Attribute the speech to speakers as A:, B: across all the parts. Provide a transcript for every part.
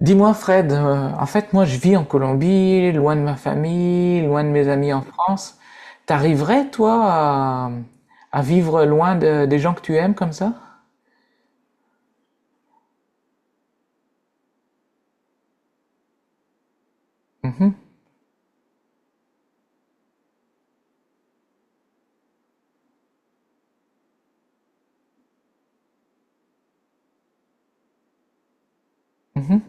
A: Dis-moi Fred, en fait moi je vis en Colombie, loin de ma famille, loin de mes amis en France. T'arriverais toi à vivre loin des gens que tu aimes comme ça? Mhm, mhm.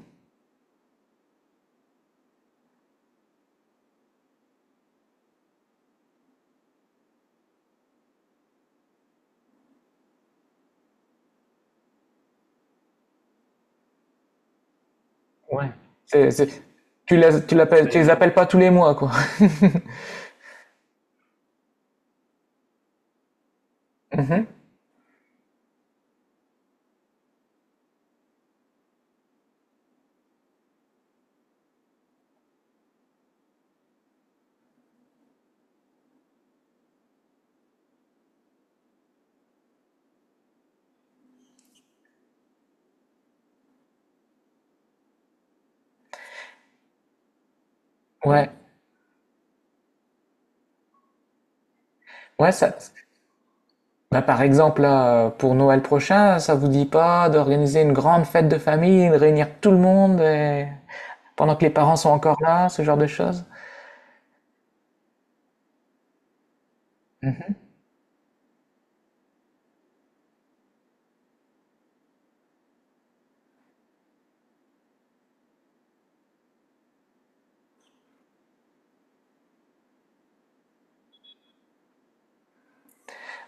A: Ouais. C'est- c'est- Tu les, tu les appelles pas tous les mois, quoi. Mhm. Ouais, ouais, ça. Bah, par exemple, là, pour Noël prochain, ça vous dit pas d'organiser une grande fête de famille, de réunir tout le monde pendant que les parents sont encore là, ce genre de choses? Mhm.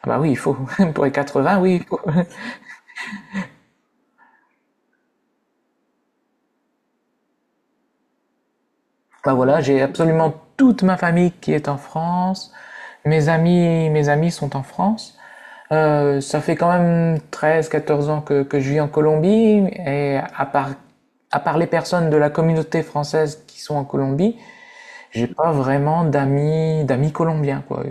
A: Ah bah oui, il faut. Pour les 80, oui, il faut. Bah voilà, j'ai absolument toute ma famille qui est en France. Mes amis sont en France. Ça fait quand même 13, 14 ans que je vis en Colombie. Et à part les personnes de la communauté française qui sont en Colombie, j'ai pas vraiment d'amis, d'amis colombiens, quoi.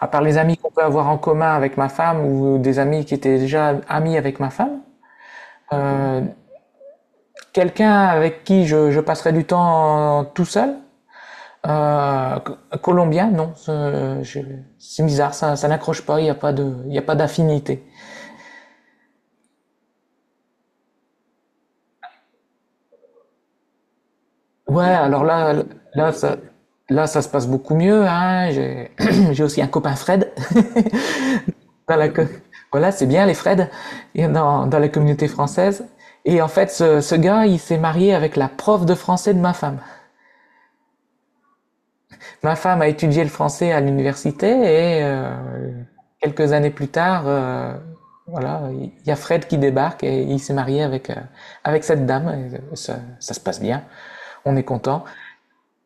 A: À part les amis qu'on peut avoir en commun avec ma femme ou des amis qui étaient déjà amis avec ma femme. Euh, Quelqu'un avec qui je passerai du temps tout seul. Euh, Colombien, non. C'est bizarre, ça n'accroche pas, il n'y a pas de, il y a pas d'affinité. Ouais, alors là, là, ça, là, ça se passe beaucoup mieux, hein. J'ai j'ai aussi un copain Fred. dans la Voilà, c'est bien les Freds dans, dans la communauté française. Et en fait, ce gars, il s'est marié avec la prof de français de ma femme. Ma femme a étudié le français à l'université et quelques années plus tard, voilà, il y a Fred qui débarque et il s'est marié avec, avec cette dame. Et, ça, ça se passe bien, on est content.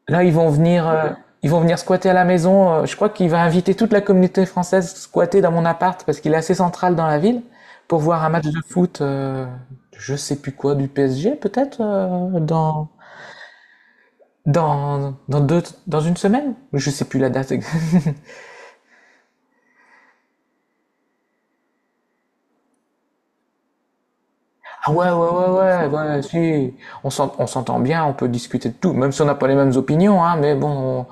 A: Là, ils vont venir squatter à la maison. Je crois qu'il va inviter toute la communauté française squatter dans mon appart parce qu'il est assez central dans la ville pour voir un match de foot, je sais plus quoi, du PSG peut-être dans dans deux dans une semaine. Je sais plus la date. Ah ouais, ouais, ouais, ouais, ouais, si. On s'entend bien, on peut discuter de tout, même si on n'a pas les mêmes opinions, hein, mais bon,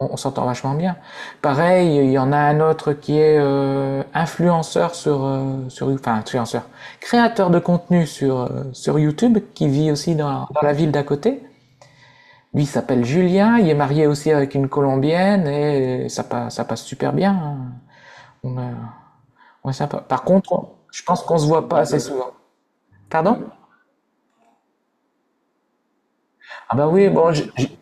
A: on s'entend vachement bien. Pareil, il y en a un autre qui est influenceur sur, sur, créateur de contenu sur, sur YouTube, qui vit aussi dans, dans la ville d'à côté. Lui, il s'appelle Julien, il est marié aussi avec une Colombienne, et ça passe super bien, hein. On est, on est sympa. Par contre, je pense qu'on se voit pas assez souvent. Pardon? Ah bah oui, bon,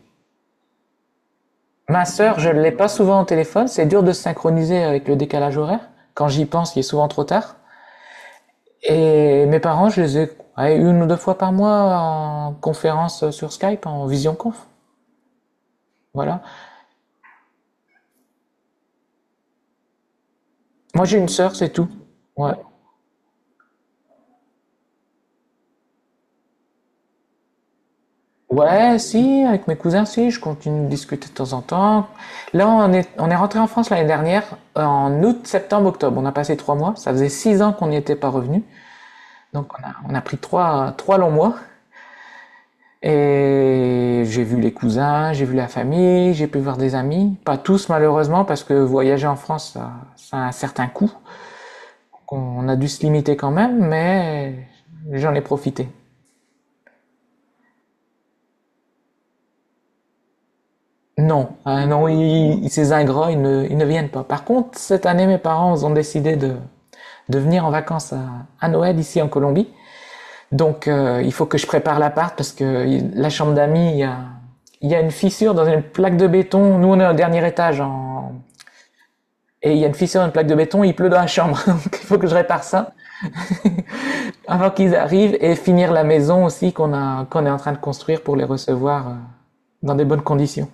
A: ma sœur, je ne l'ai pas souvent au téléphone, c'est dur de se synchroniser avec le décalage horaire. Quand j'y pense, il est souvent trop tard. Et mes parents, je les ai ouais, une ou deux fois par mois en conférence sur Skype, en visionconf. Voilà. Moi, j'ai une sœur, c'est tout. Ouais. Ouais, si, avec mes cousins, si, je continue de discuter de temps en temps. Là, on est rentré en France l'année dernière, en août, septembre, octobre. On a passé trois mois. Ça faisait six ans qu'on n'y était pas revenu. Donc, on a pris trois, trois longs mois. Et j'ai vu les cousins, j'ai vu la famille, j'ai pu voir des amis. Pas tous malheureusement parce que voyager en France, ça a un certain coût. On a dû se limiter quand même, mais j'en ai profité. Non, hein, non, ils, ces ingrats, ils ne viennent pas. Par contre, cette année, mes parents ont décidé de venir en vacances à Noël ici en Colombie. Donc, il faut que je prépare l'appart parce que la chambre d'amis, il y a une fissure dans une plaque de béton. Nous, on est au dernier étage, en. Et il y a une fissure, une plaque de béton, il pleut dans la chambre. Donc il faut que je répare ça avant qu'ils arrivent et finir la maison aussi qu'on a, qu'on est en train de construire pour les recevoir dans des bonnes conditions.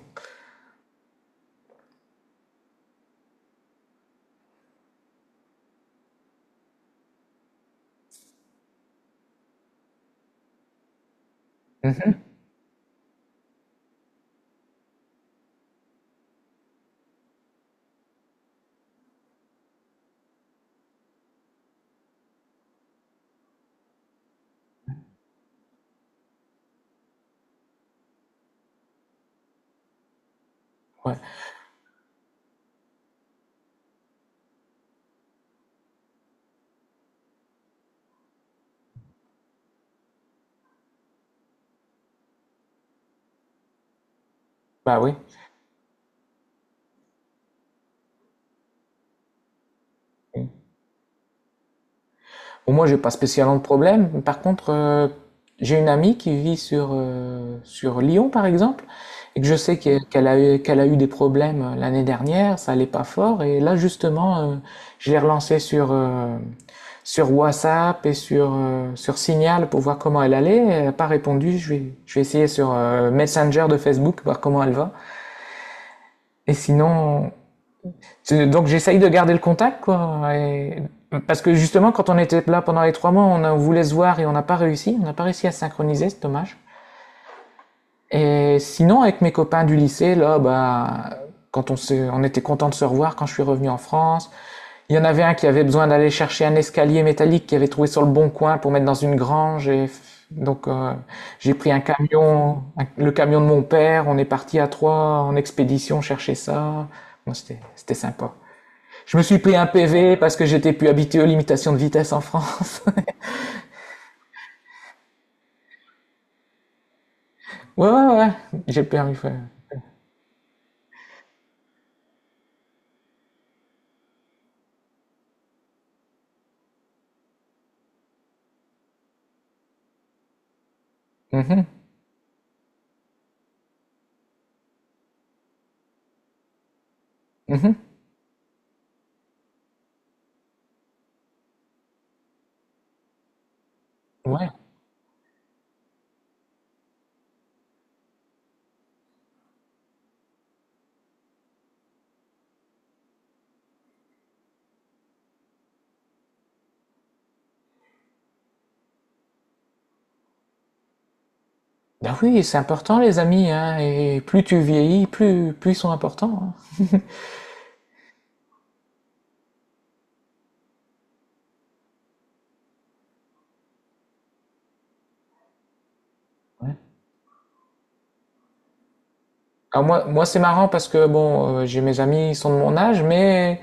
A: Ouais. Bah oui. Bon, moi, j'ai pas spécialement de problème, mais par contre, j'ai une amie qui vit sur, sur Lyon, par exemple, et que je sais qu'elle a eu des problèmes l'année dernière, ça allait pas fort. Et là, justement, je l'ai relancée sur, sur WhatsApp et sur, sur Signal pour voir comment elle allait. Elle n'a pas répondu. Je vais essayer sur Messenger de Facebook, voir comment elle va. Et sinon, donc j'essaye de garder le contact, quoi. Parce que justement, quand on était là pendant les trois mois, on voulait se voir et on n'a pas réussi. On n'a pas réussi à synchroniser, c'est dommage. Et sinon, avec mes copains du lycée, là, bah, on était content de se revoir quand je suis revenu en France. Il y en avait un qui avait besoin d'aller chercher un escalier métallique qu'il avait trouvé sur le bon coin pour mettre dans une grange. Et donc j'ai pris un camion, le camion de mon père. On est parti à trois en expédition chercher ça. Bon, c'était, c'était sympa. Je me suis pris un PV parce que j'étais plus habitué aux limitations de vitesse en France. Ouais, ouais, ouais. J'ai le permis. Ouais. Mhm, mhm. Ouais. Ben oui, c'est important les amis, hein, et plus tu vieillis, plus, plus ils sont importants, hein. Ouais. Alors moi, moi c'est marrant parce que bon, j'ai mes amis, ils sont de mon âge, mais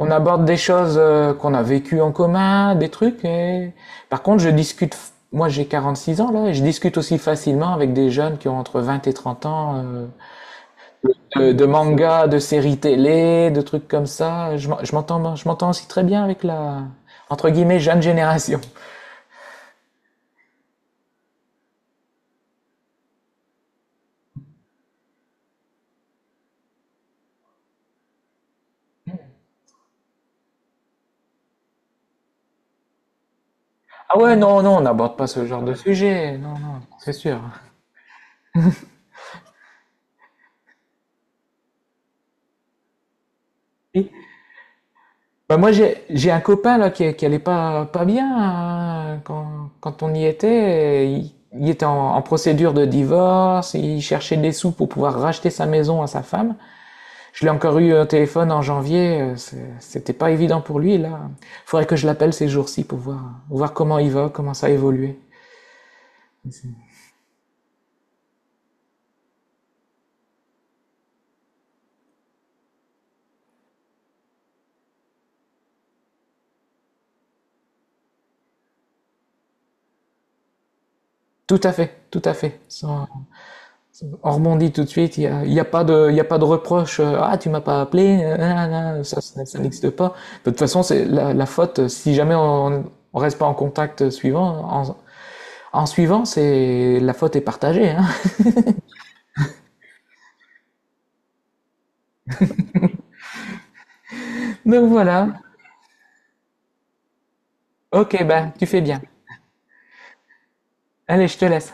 A: on aborde des choses qu'on a vécues en commun, des trucs. Et... Par contre, je discute, moi j'ai 46 ans là, et je discute aussi facilement avec des jeunes qui ont entre 20 et 30 ans, de mangas, de séries télé, de trucs comme ça. Je m'entends aussi très bien avec la, entre guillemets, jeune génération. Ah ouais, non, non, on n'aborde pas ce genre de sujet. Non, non, c'est sûr. Oui. Bah moi, j'ai un copain là qui allait pas, pas bien hein, quand, quand on y était. Il était en, en procédure de divorce. Il cherchait des sous pour pouvoir racheter sa maison à sa femme. Je l'ai encore eu au téléphone en janvier, c'était pas évident pour lui là. Faudrait que je l'appelle ces jours-ci pour voir, voir comment il va, comment ça a évolué. Tout à fait, tout à fait. On rebondit tout de suite, il n'y a, il y a pas de, il y a pas de reproche. Ah, tu m'as pas appelé, ça, ça, ça n'existe pas. De toute façon, c'est la, la faute, si jamais on, on reste pas en contact en suivant, c'est la faute est partagée, hein. Donc voilà. Ok, ben, tu fais bien. Allez, je te laisse.